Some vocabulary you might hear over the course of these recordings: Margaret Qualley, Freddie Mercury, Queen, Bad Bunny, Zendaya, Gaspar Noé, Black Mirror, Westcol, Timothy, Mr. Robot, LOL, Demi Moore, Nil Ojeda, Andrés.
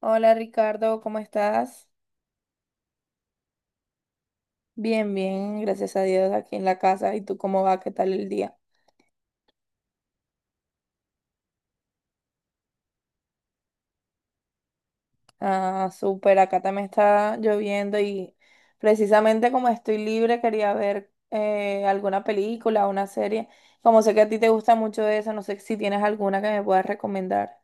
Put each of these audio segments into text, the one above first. Hola Ricardo, ¿cómo estás? Bien, bien, gracias a Dios aquí en la casa. ¿Y tú cómo va? ¿Qué tal el día? Ah, súper, acá también está lloviendo y precisamente como estoy libre quería ver alguna película, una serie. Como sé que a ti te gusta mucho eso, no sé si tienes alguna que me puedas recomendar.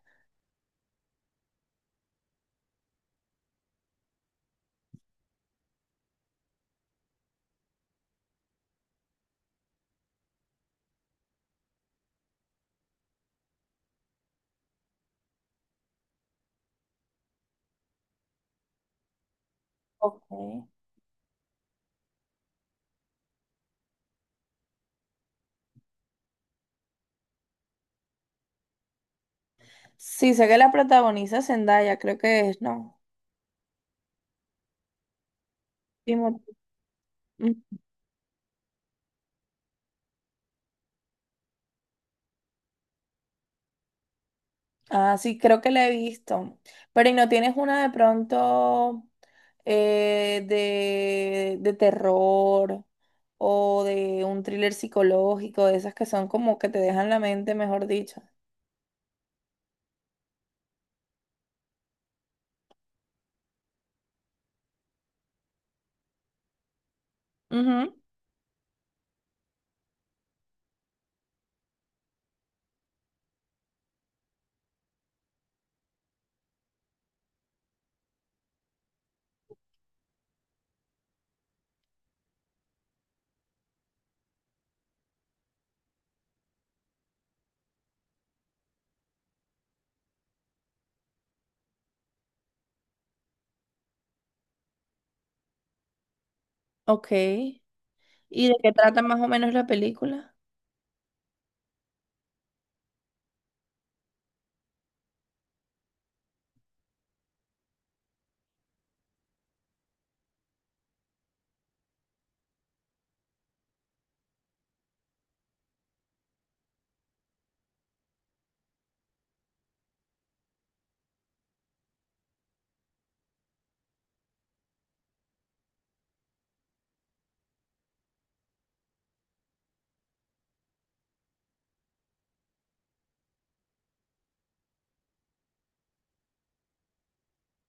Ok. Sí, sé que la protagoniza Zendaya, creo que es, ¿no? Timothy. Ah, sí, creo que la he visto. Pero ¿y no tienes una de pronto de terror o de un thriller psicológico, de esas que son como que te dejan la mente, mejor dicho? Ujú. Ok. ¿Y de qué trata más o menos la película?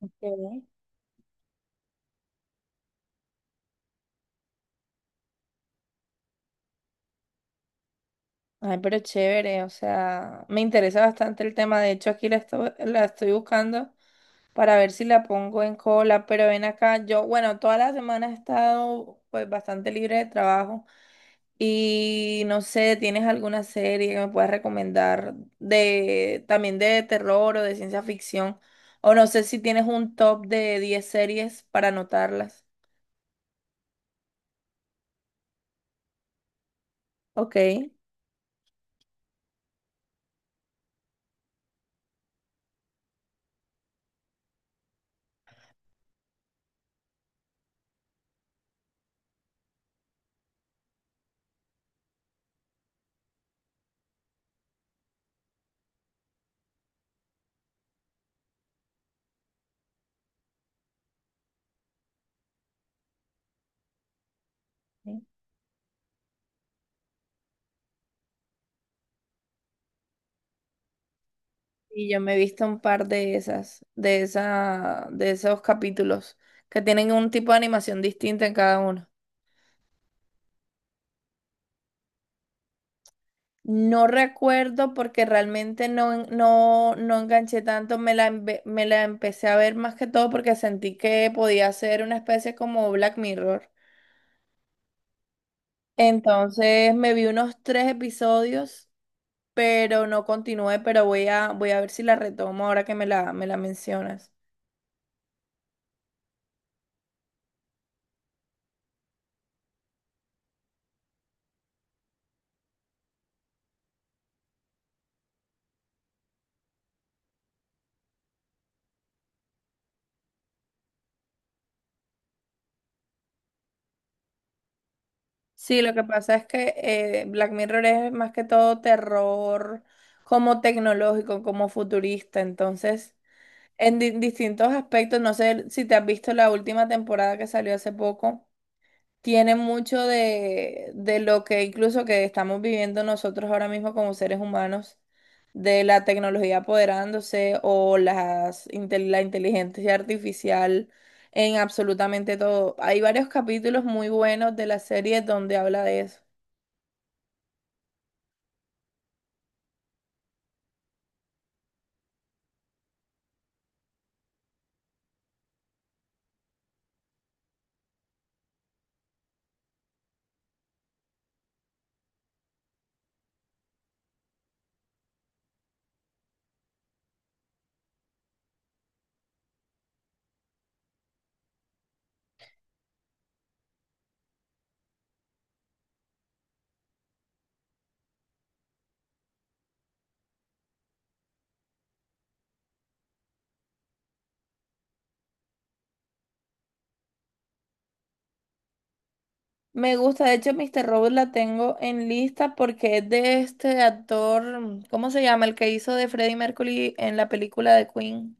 Ok. Ay, pero chévere, o sea, me interesa bastante el tema. De hecho, la estoy buscando para ver si la pongo en cola, pero ven acá, yo, bueno, toda la semana he estado pues bastante libre de trabajo y no sé, ¿tienes alguna serie que me puedas recomendar de también de terror o de ciencia ficción? O no sé si tienes un top de 10 series para anotarlas. Ok. Y yo me he visto un par de esas, de esos capítulos que tienen un tipo de animación distinta en cada uno. No recuerdo porque realmente no, no enganché tanto, me la empecé a ver más que todo porque sentí que podía ser una especie como Black Mirror. Entonces me vi unos tres episodios, pero no continué, pero voy a ver si la retomo ahora que me la mencionas. Sí, lo que pasa es que Black Mirror es más que todo terror como tecnológico, como futurista, entonces en distintos aspectos. No sé si te has visto la última temporada que salió hace poco. Tiene mucho de lo que incluso que estamos viviendo nosotros ahora mismo como seres humanos, de la tecnología apoderándose o la inteligencia artificial en absolutamente todo. Hay varios capítulos muy buenos de la serie donde habla de eso. Me gusta, de hecho, Mr. Robot la tengo en lista porque es de este actor, ¿cómo se llama? El que hizo de Freddie Mercury en la película de Queen.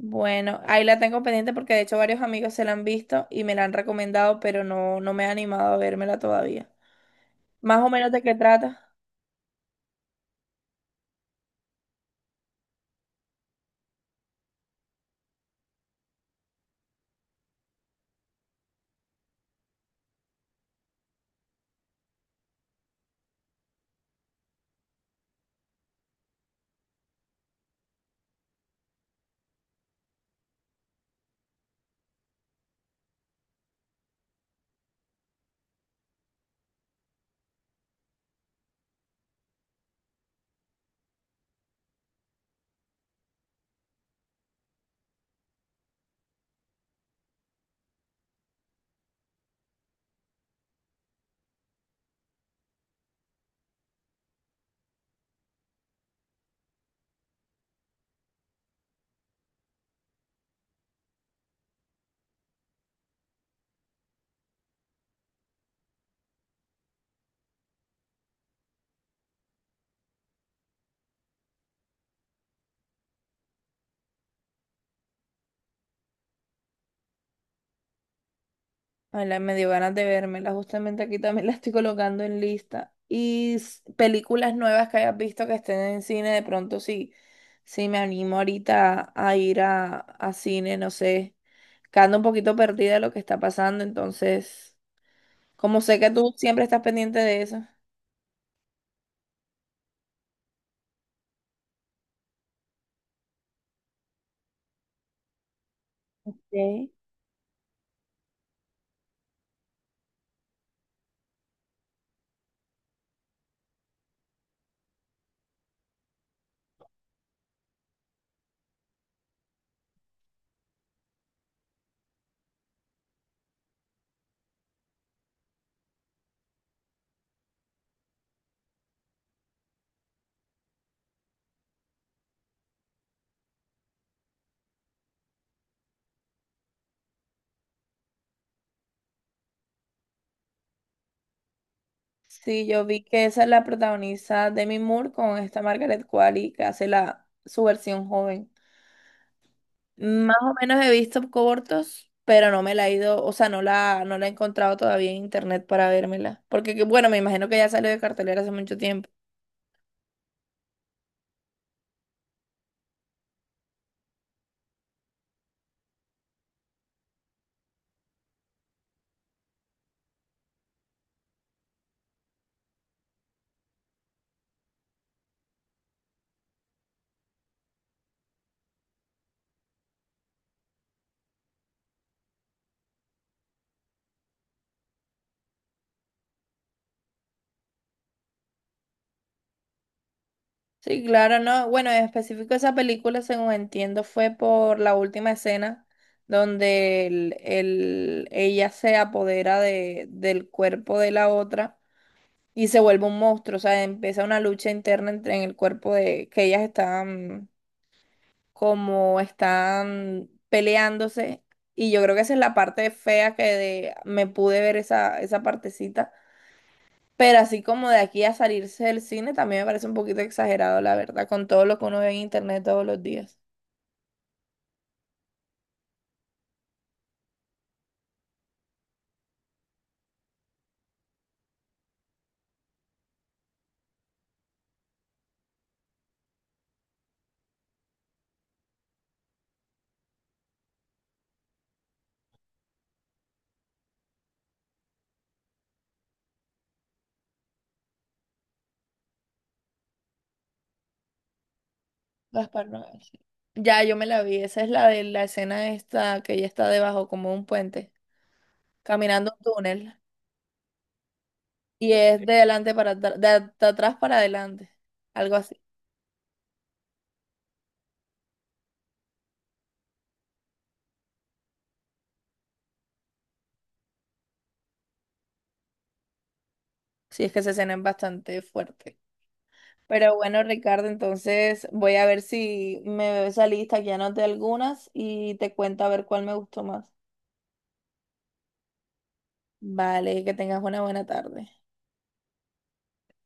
Bueno, ahí la tengo pendiente porque de hecho varios amigos se la han visto y me la han recomendado, pero no, no me he animado a vérmela todavía. Más o menos de qué trata. Ay, me dio ganas de vérmela. Justamente aquí también la estoy colocando en lista. Y películas nuevas que hayas visto que estén en cine, de pronto sí, sí me animo ahorita a ir a cine, no sé. Que ando un poquito perdida de lo que está pasando, entonces, como sé que tú siempre estás pendiente de eso. Ok. Sí, yo vi que esa es la protagonista Demi Moore con esta Margaret Qualley que hace la, su versión joven. Más o menos he visto cortos, pero no me la he ido, o sea, no la he encontrado todavía en internet para vérmela. Porque, bueno, me imagino que ya salió de cartelera hace mucho tiempo. Sí, claro, no. Bueno, en específico esa película, según entiendo, fue por la última escena donde ella se apodera de, del cuerpo de la otra y se vuelve un monstruo. O sea, empieza una lucha interna entre en el cuerpo de que ellas estaban como están peleándose. Y yo creo que esa es la parte fea que de, me pude ver esa partecita. Pero así como de aquí a salirse del cine, también me parece un poquito exagerado, la verdad, con todo lo que uno ve en internet todos los días. Gaspar Noé, sí. Ya, yo me la vi. Esa es la de la escena esta que ella está debajo como de un puente, caminando un túnel. Y es de adelante para atr- de, at- de atrás para adelante. Algo así. Sí, es que esa escena es bastante fuerte. Pero bueno, Ricardo, entonces voy a ver si me veo esa lista, que ya anoté algunas y te cuento a ver cuál me gustó más. Vale, que tengas una buena tarde.